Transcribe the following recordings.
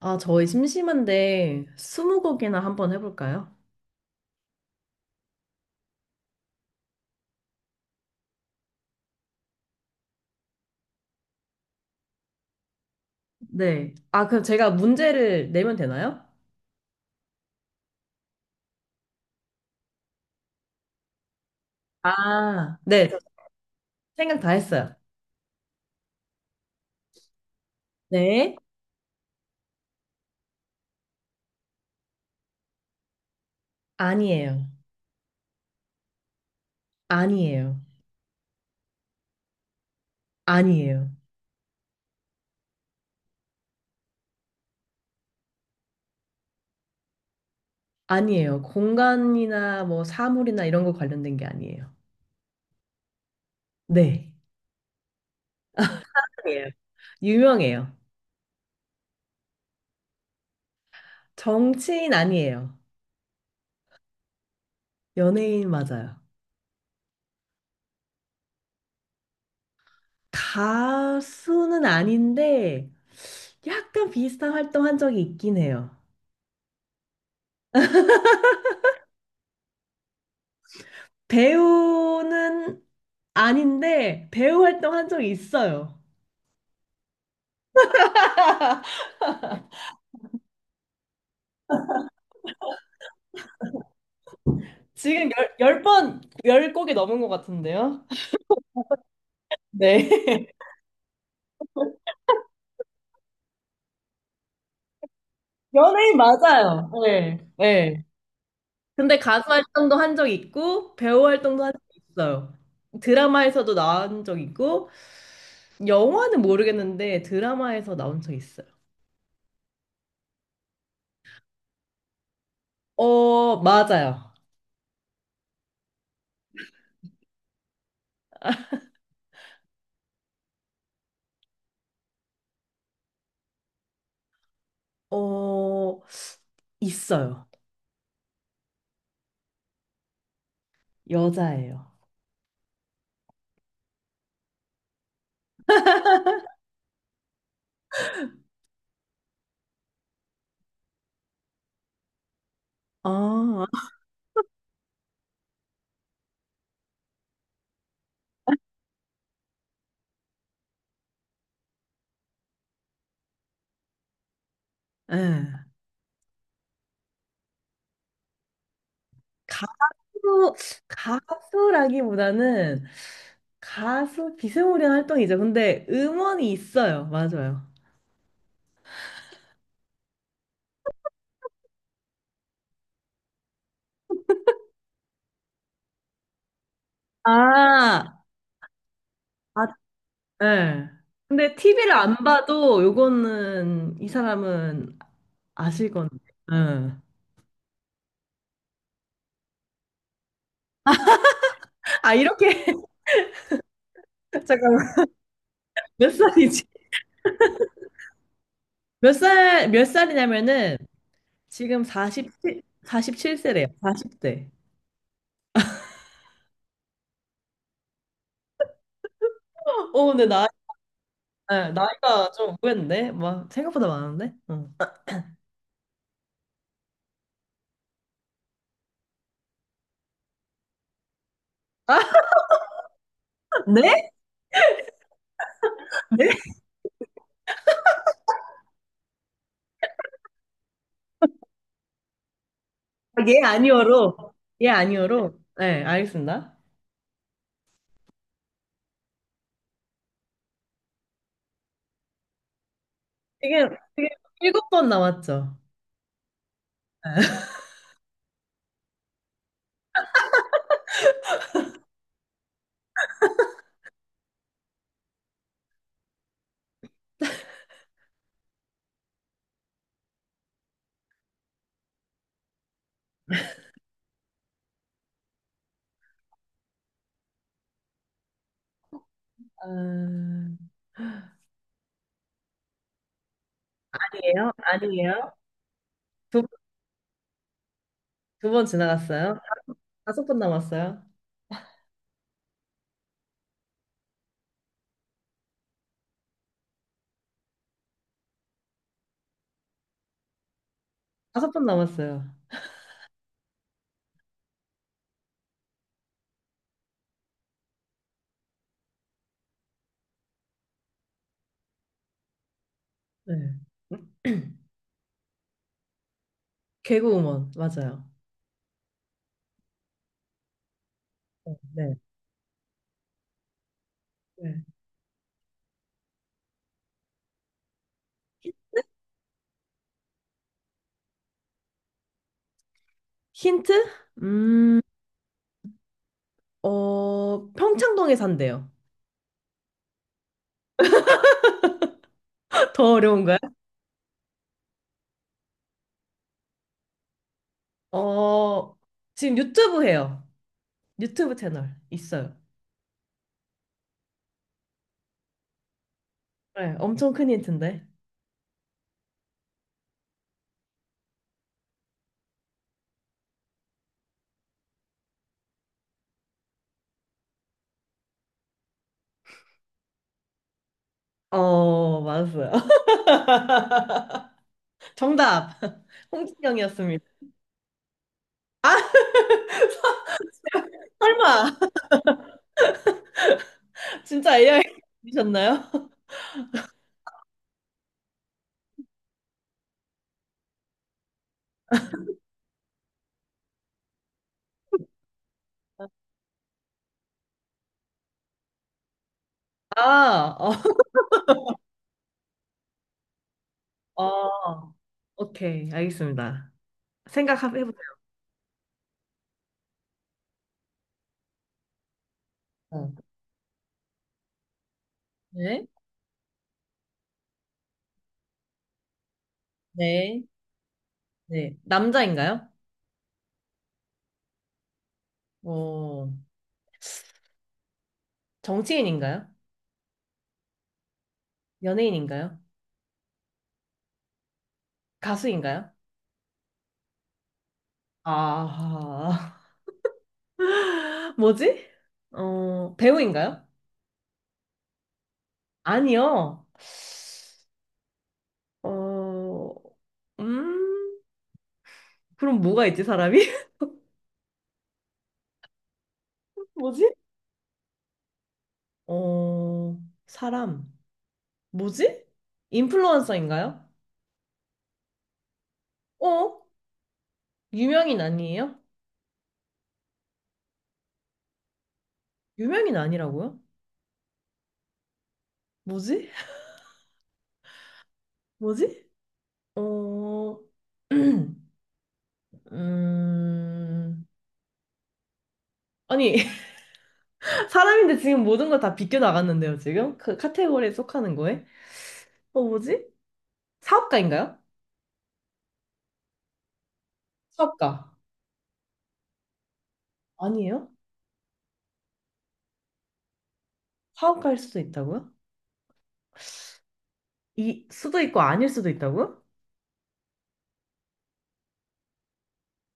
아, 저희 심심한데 스무고개나 한번 해볼까요? 네. 아, 그럼 제가 문제를 내면 되나요? 아, 네. 저 생각 다 했어요. 네. 아니에요. 아니에요. 아니에요. 아니에요. 공간이나 뭐 사물이나 이런 거 관련된 게 아니에요. 네. 아니에요. 유명해요. 정치인 아니에요. 연예인 맞아요. 가수는 아닌데 약간 비슷한 활동 한 적이 있긴 해요. 배우는 아닌데 배우 활동한 적이 있어요. 지금 열 곡이 넘은 것 같은데요? 네. 연예인 맞아요. 네. 네. 근데 가수 활동도 한 적 있고 배우 활동도 한 적 있어요. 드라마에서도 나온 적 있고 영화는 모르겠는데 드라마에서 나온 적 있어요. 어, 맞아요. 어, 있어요. 여자예요. 아, 예. 또 가수라기보다는 가수 비스무리한 활동이죠. 근데 음원이 있어요. 맞아요. 아, 아, 네. 근데 TV를 안 봐도 요거는 이 사람은 아실 건데. 네. 아, 이렇게 잠깐만. 몇 살이지? 몇 살, 몇 살이냐면은 지금 47, 십칠 세래요. 40대. 근데 나이, 네, 나이가 좀 의외인데? 막 생각보다 많은데? 응. 네? 네? 아, 예, 아니요로. 예, 아니요로. 네, 알겠습니다. 되게, 되게 일곱 번 남았죠. 아, 아니에요? 아니에요? 두, 두 번 지나갔어요? 다섯 번 남았어요? 다섯 번 남았어요. 네. 개그우먼, 맞아요. 어, 네. 네. 히- 힌트? 음, 어, 평창동에 산대요. 더 어려운가요? 어, 지금 유튜브 해요. 유튜브 채널 있어요. 네, 엄청 큰 힌트인데. 어, 맞았어요. 정답. 홍진영이었습니다. 설마 진짜 AI이셨나요? 아, 어, 어, 오케이, 알겠습니다. 생각해보세요. 네, 네, 네. 남자인가요? 어, 정치인인가요? 연예인인가요? 가수인가요? 아, 뭐지? 배우인가요? 아니요. 어, 음, 그럼 뭐가 있지, 사람이? 뭐지? 어, 사람. 뭐지? 인플루언서인가요? 어? 유명인 아니에요? 유명인 아니라고요? 뭐지? 뭐지? 어, 음, 아니, 사람인데 지금 모든 걸 다 비껴나갔는데요, 지금? 그 카테고리에 속하는 거에? 어, 뭐지? 사업가인가요? 사업가. 아니에요? 사업가일 수도 있다고요? 이, 수도 있고 아닐 수도 있다고요?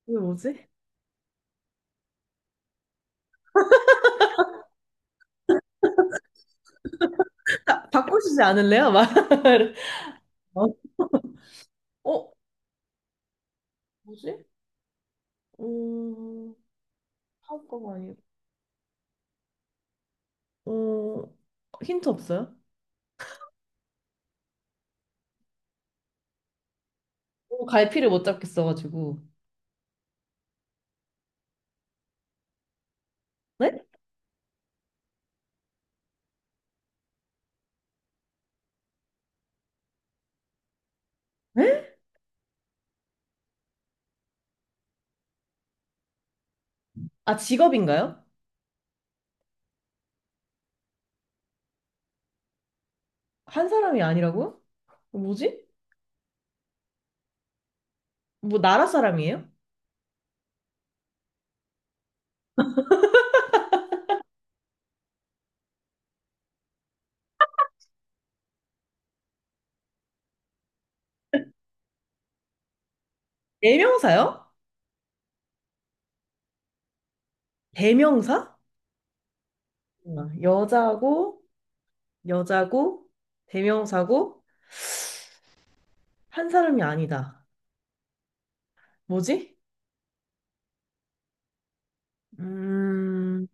이게 뭐지? 아, 바꾸시지 않을래요? 막. 어, 어, 뭐지? 음, 사업가가 아니고. 어, 힌트 없어요? 어, 갈피를 못 잡겠어가지고. 네? 네? 아, 직업인가요? 한 사람이 아니라고요? 어, 뭐지? 뭐, 나라 사람이에요? 대명사요? 대명사? 어, 여자고, 대명사고, 한 사람이 아니다. 뭐지? 음,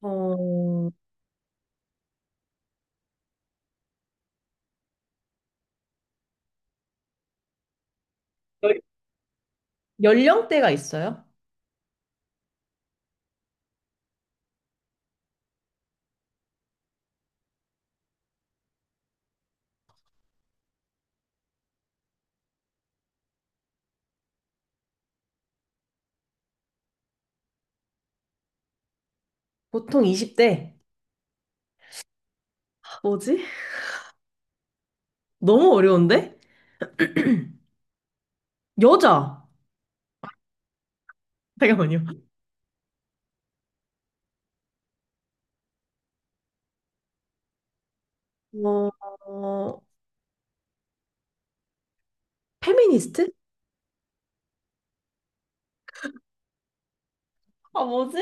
어, 연- 연령대가 있어요? 보통 20대. 뭐지? 너무 어려운데? 여자. 잠깐만요. 어, 어, 페미니스트? 아, 뭐지?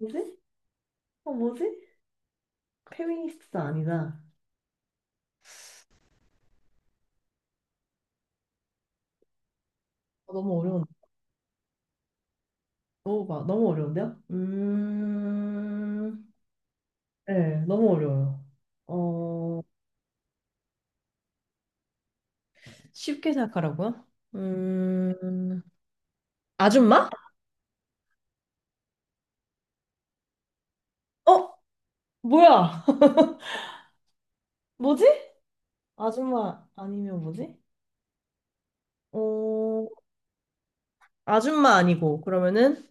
뭐지? 어, 뭐지? 페미니스트 아니다. 아, 너무 어려운데요? 네, 너무 어려워요. 어, 쉽게 생각하라고요? 음, 아줌마? 어, 뭐야? 뭐지? 아줌마 아니면 뭐지? 어, 아줌마 아니고, 그러면은,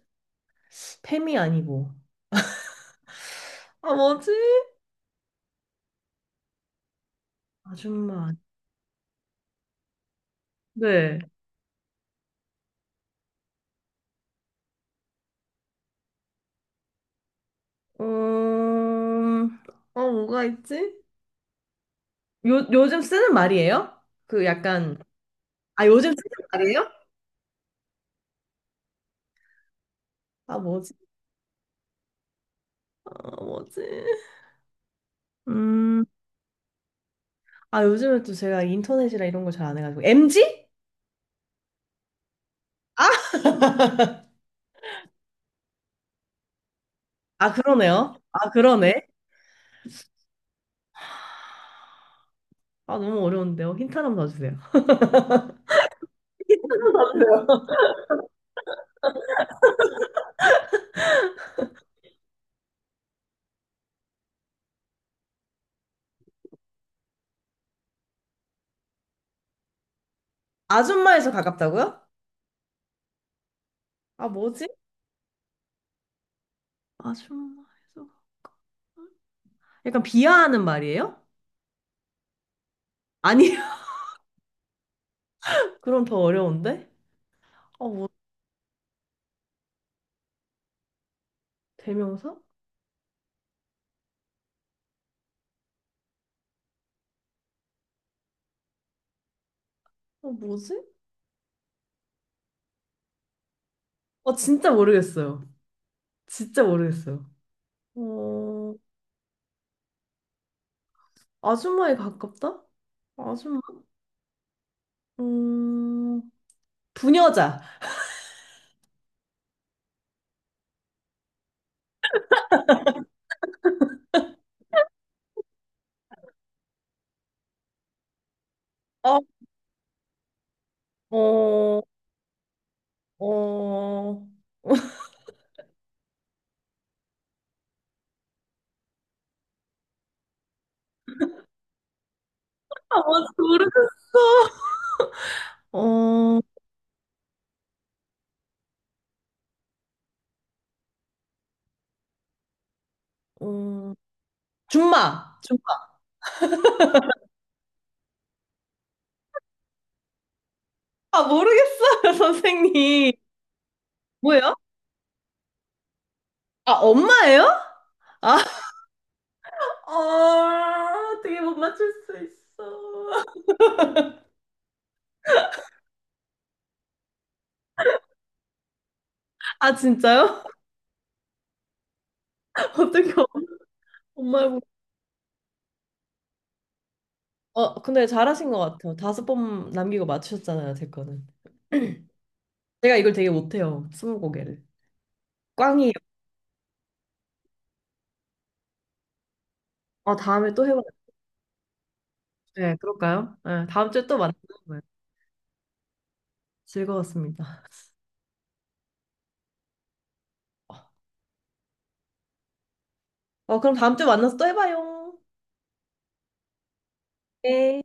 팸이 아니고. 아, 뭐지? 아줌마. 네. 음, 뭐가 있지? 요즘 쓰는 말이에요? 그 약간, 아, 요즘 쓰는 말이에요? 아, 뭐지? 아, 뭐지? 음, 아, 요즘에 또 제가 인터넷이라 이런 걸 잘 안 해가지고. MG? 아, 아, 그러네요. 아, 그러네. 아, 너무 어려운데요. 힌트 하나만 더 주세요. 아줌마에서 가깝다고요? 아, 뭐지? 아줌마에서 가깝다. 약간 비하하는 말이에요? 아니, 그럼 더 어려운데? 어, 뭐, 대명사? 어, 뭐지? 어, 진짜 모르겠어요. 진짜 모르겠어요. 어, 아줌마에 가깝다? 아줌마? 음, 부녀자. 어, 어, 어. 아, 뭔지 모르겠어. 어, 어. 줌마. 줌마. 아, 모르겠어요, 선생님. 뭐예요? 아, 엄마예요? 아, 어, 어떻게 못 맞출 수 있어. 아, 진짜요? 어떻게 엄마를 보고 어 근데 잘하신 것 같아요. 다섯 번 남기고 맞추셨잖아요, 제 거는. 제가 이걸 되게 못해요. 스무고개를. 꽝이에요. 어 다음에 또 해봐요. 네, 그럴까요? 네, 다음 주에 또 만나요. 네, 즐거웠습니다. 어, 그럼 다음 주에 만나서 또 해봐요. 네.